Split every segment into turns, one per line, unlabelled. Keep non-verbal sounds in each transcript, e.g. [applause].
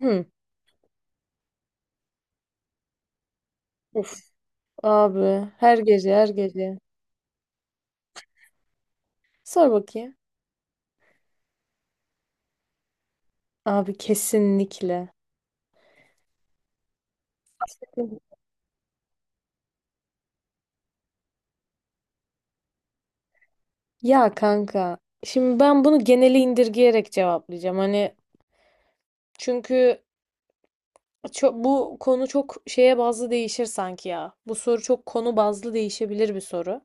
Hı. Uf abi, her gece her gece. Sor bakayım. Abi kesinlikle. Ya kanka, şimdi ben bunu geneli indirgeyerek cevaplayacağım. Hani çünkü bu konu çok şeye bazlı değişir sanki ya. Bu soru çok konu bazlı değişebilir bir soru.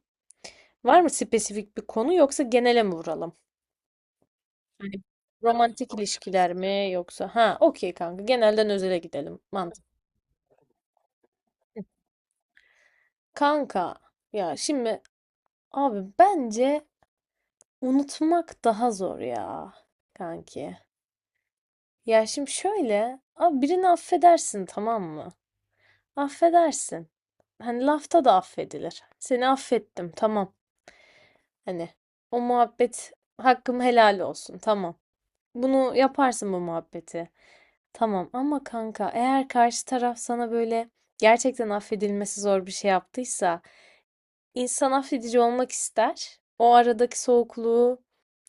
Var mı spesifik bir konu, yoksa genele mi vuralım? Hani romantik ilişkiler mi yoksa? Ha, okey kanka, genelden özele gidelim. Mantık. Kanka ya şimdi, abi bence unutmak daha zor ya kanki. Ya şimdi şöyle, abi birini affedersin, tamam mı? Affedersin. Hani lafta da affedilir. Seni affettim, tamam. Hani o muhabbet, hakkım helal olsun, tamam. Bunu yaparsın, bu muhabbeti. Tamam ama kanka, eğer karşı taraf sana böyle gerçekten affedilmesi zor bir şey yaptıysa, İnsan affedici olmak ister. O aradaki soğukluğu,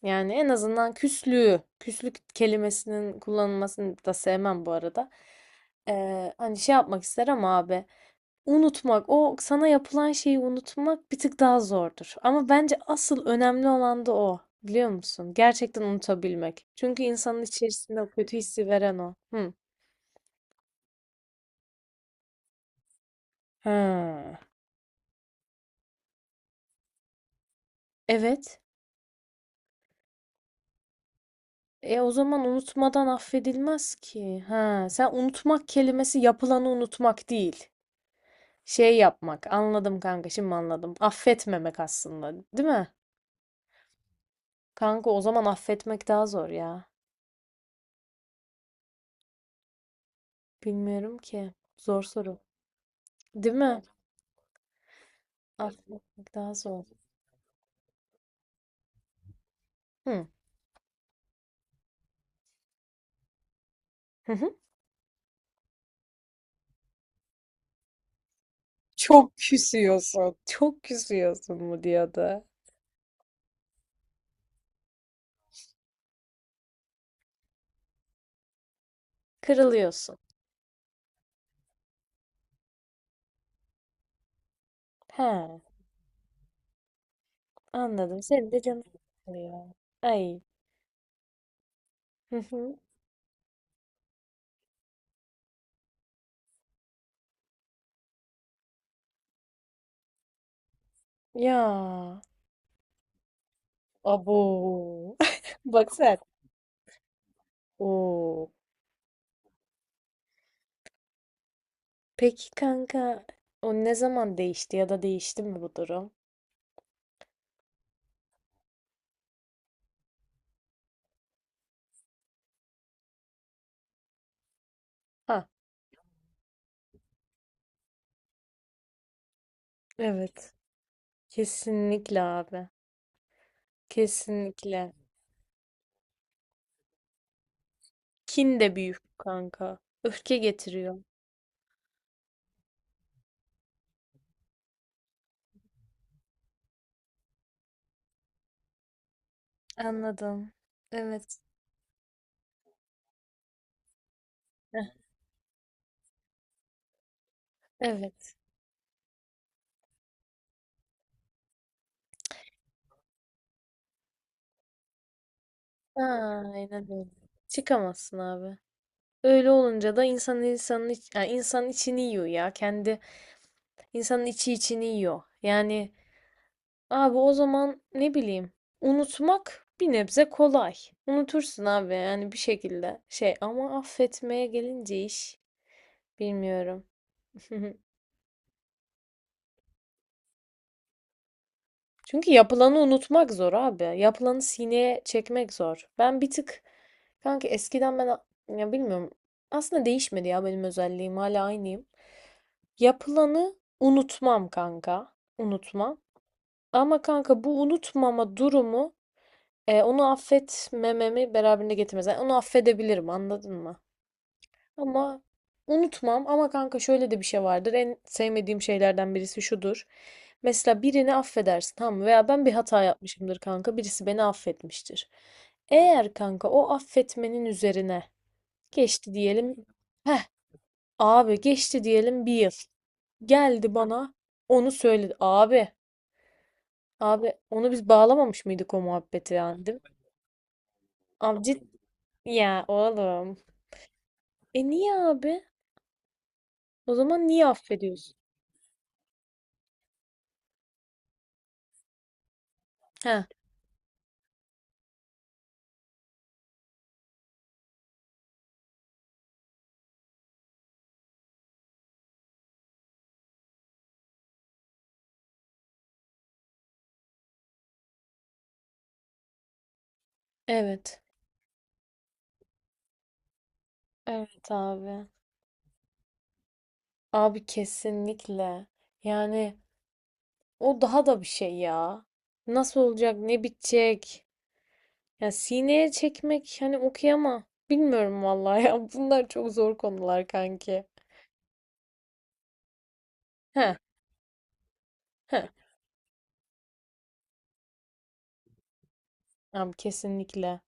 yani en azından küslüğü, küslük kelimesinin kullanılmasını da sevmem bu arada. Hani şey yapmak ister ama abi, unutmak, o sana yapılan şeyi unutmak bir tık daha zordur. Ama bence asıl önemli olan da o. Biliyor musun? Gerçekten unutabilmek. Çünkü insanın içerisinde o kötü hissi veren o. Hı. Ha. Evet. E o zaman unutmadan affedilmez ki. Ha, sen unutmak kelimesi yapılanı unutmak değil. Şey yapmak. Anladım kanka, şimdi anladım. Affetmemek aslında, değil mi? Kanka o zaman affetmek daha zor ya. Bilmiyorum ki. Zor soru. Değil mi? Affetmek daha zor. Hı. Hı hı. Çok küsüyorsun. Çok küsüyorsun mu diyordu. Kırılıyorsun. He, anladım. Senin de canın sıkılıyor. Ay. Hı hı. Ya. Abo. [laughs] Bak sen. Oo. Peki kanka, o ne zaman değişti ya da değişti mi bu durum? Ha, evet. Kesinlikle abi. Kesinlikle. Kin de büyük kanka. Öfke getiriyor. Anladım. Evet. Heh, evet. Aynen öyle. Çıkamazsın abi. Öyle olunca da insan, insanın iç, yani insanın içini yiyor ya. Kendi, insanın içi içini yiyor. Yani abi o zaman ne bileyim, unutmak bir nebze kolay. Unutursun abi, yani bir şekilde şey, ama affetmeye gelince iş, bilmiyorum. [laughs] Çünkü yapılanı unutmak zor abi. Yapılanı sineye çekmek zor. Ben bir tık kanka, eskiden ben ya bilmiyorum, aslında değişmedi ya, benim özelliğim hala aynıyım. Yapılanı unutmam kanka, unutmam. Ama kanka, bu unutmama durumu, e, onu affetmememi beraberinde getirmez. Yani onu affedebilirim, anladın mı? Ama unutmam, ama kanka şöyle de bir şey vardır. En sevmediğim şeylerden birisi şudur. Mesela birini affedersin, tamam mı? Veya ben bir hata yapmışımdır kanka. Birisi beni affetmiştir. Eğer kanka o affetmenin üzerine geçti diyelim. Heh, abi geçti diyelim, bir yıl. Geldi bana, onu söyledi. Abi, abi onu biz bağlamamış mıydık o muhabbeti, yani değil mi? Abi cid- ya oğlum. E niye abi? O zaman niye affediyorsun? Ha, evet. Evet abi. Abi kesinlikle. Yani o daha da bir şey ya. Nasıl olacak, ne bitecek? Ya sineye çekmek, hani okuyama. Bilmiyorum vallahi ya. [laughs] Bunlar çok zor konular kanki. Ha, ha. Abi kesinlikle.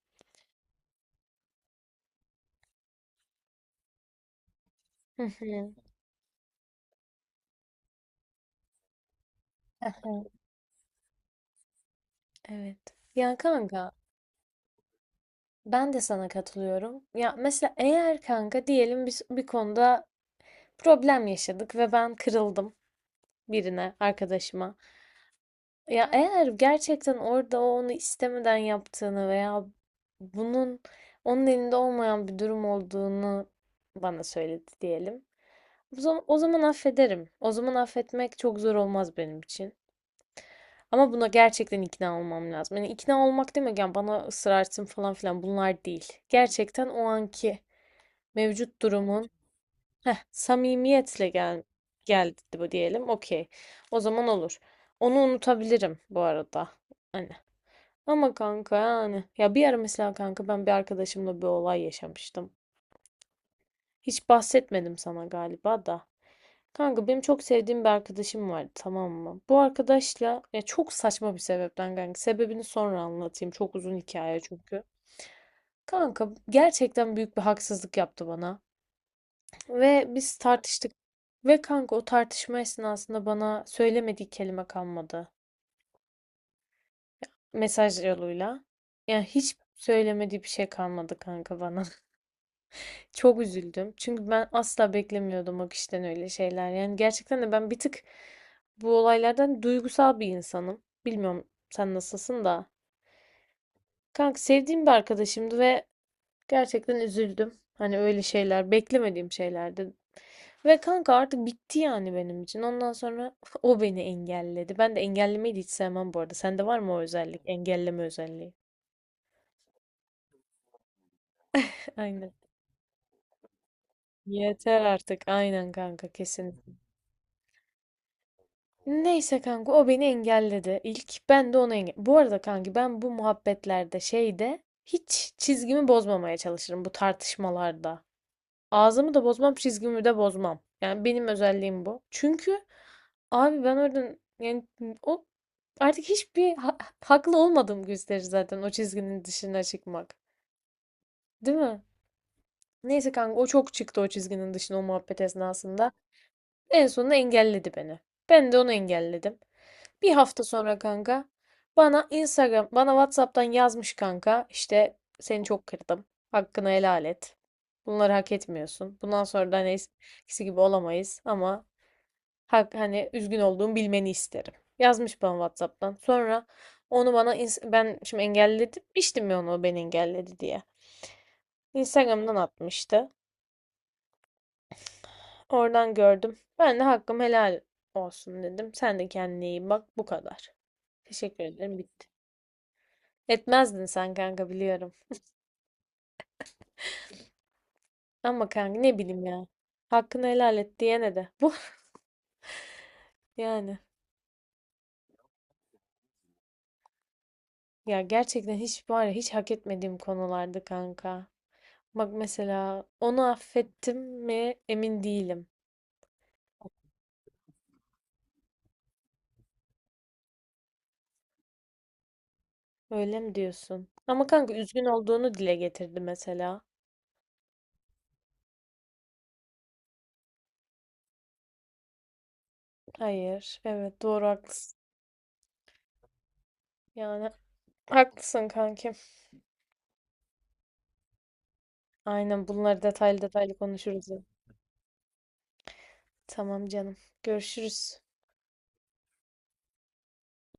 Hı hı. Hı hı. Evet. Ya kanka, ben de sana katılıyorum. Ya mesela eğer kanka diyelim, biz bir konuda problem yaşadık ve ben kırıldım. Birine, arkadaşıma. Ya eğer gerçekten orada o onu istemeden yaptığını veya bunun onun elinde olmayan bir durum olduğunu bana söyledi diyelim. O zaman, o zaman affederim. O zaman affetmek çok zor olmaz benim için. Ama buna gerçekten ikna olmam lazım. Yani ikna olmak demek, yani bana ısrar etsin falan filan, bunlar değil. Gerçekten o anki mevcut durumun, heh, samimiyetle gel, geldi bu diyelim. Okey. O zaman olur. Onu unutabilirim bu arada. Hani. Ama kanka yani. Ya bir ara mesela kanka, ben bir arkadaşımla bir olay yaşamıştım. Hiç bahsetmedim sana galiba da. Kanka benim çok sevdiğim bir arkadaşım vardı, tamam mı? Bu arkadaşla ya çok saçma bir sebepten kanka. Sebebini sonra anlatayım. Çok uzun hikaye çünkü. Kanka gerçekten büyük bir haksızlık yaptı bana. Ve biz tartıştık. Ve kanka o tartışma esnasında bana söylemediği kelime kalmadı. Mesaj yoluyla. Yani hiç söylemediği bir şey kalmadı kanka bana. [laughs] Çok üzüldüm. Çünkü ben asla beklemiyordum o kişiden öyle şeyler. Yani gerçekten de ben bir tık bu olaylardan duygusal bir insanım. Bilmiyorum sen nasılsın da. Kanka sevdiğim bir arkadaşımdı ve gerçekten üzüldüm. Hani öyle şeyler, beklemediğim şeylerdi. Ve kanka artık bitti yani benim için. Ondan sonra [laughs] o beni engelledi. Ben de engellemeyi de hiç sevmem bu arada. Sende var mı o özellik? Engelleme özelliği. [laughs] Aynen. Yeter artık. Aynen kanka, kesin. Neyse kanka, o beni engelledi. İlk ben de onu bu arada kanki, ben bu muhabbetlerde şeyde hiç çizgimi bozmamaya çalışırım, bu tartışmalarda. Ağzımı da bozmam, çizgimi de bozmam. Yani benim özelliğim bu. Çünkü abi ben oradan yani o artık haklı olmadığım gösterir zaten o çizginin dışına çıkmak. Değil mi? Neyse kanka, o çok çıktı o çizginin dışına o muhabbet esnasında. En sonunda engelledi beni. Ben de onu engelledim. Bir hafta sonra kanka bana WhatsApp'tan yazmış kanka, işte seni çok kırdım. Hakkını helal et. Bunları hak etmiyorsun. Bundan sonra da hani eskisi gibi olamayız ama hani üzgün olduğumu bilmeni isterim. Yazmış bana WhatsApp'tan. Sonra ben şimdi engellemiştim ya onu, o beni engelledi diye. Instagram'dan atmıştı. Oradan gördüm. Ben de hakkım helal olsun dedim. Sen de kendine iyi bak. Bu kadar. Teşekkür ederim. Bitti. Etmezdin sen kanka, biliyorum. Ama kanka ne bileyim ya. Hakkını helal et diyene de. Bu [laughs] yani. Ya gerçekten hiç, var ya, hiç hak etmediğim konulardı kanka. Bak mesela onu affettim mi emin değilim. Öyle mi diyorsun? Ama kanka üzgün olduğunu dile getirdi mesela. Hayır. Evet doğru, haklısın. Yani haklısın kankim. Aynen, bunları detaylı detaylı konuşuruz ya. Tamam canım. Görüşürüz.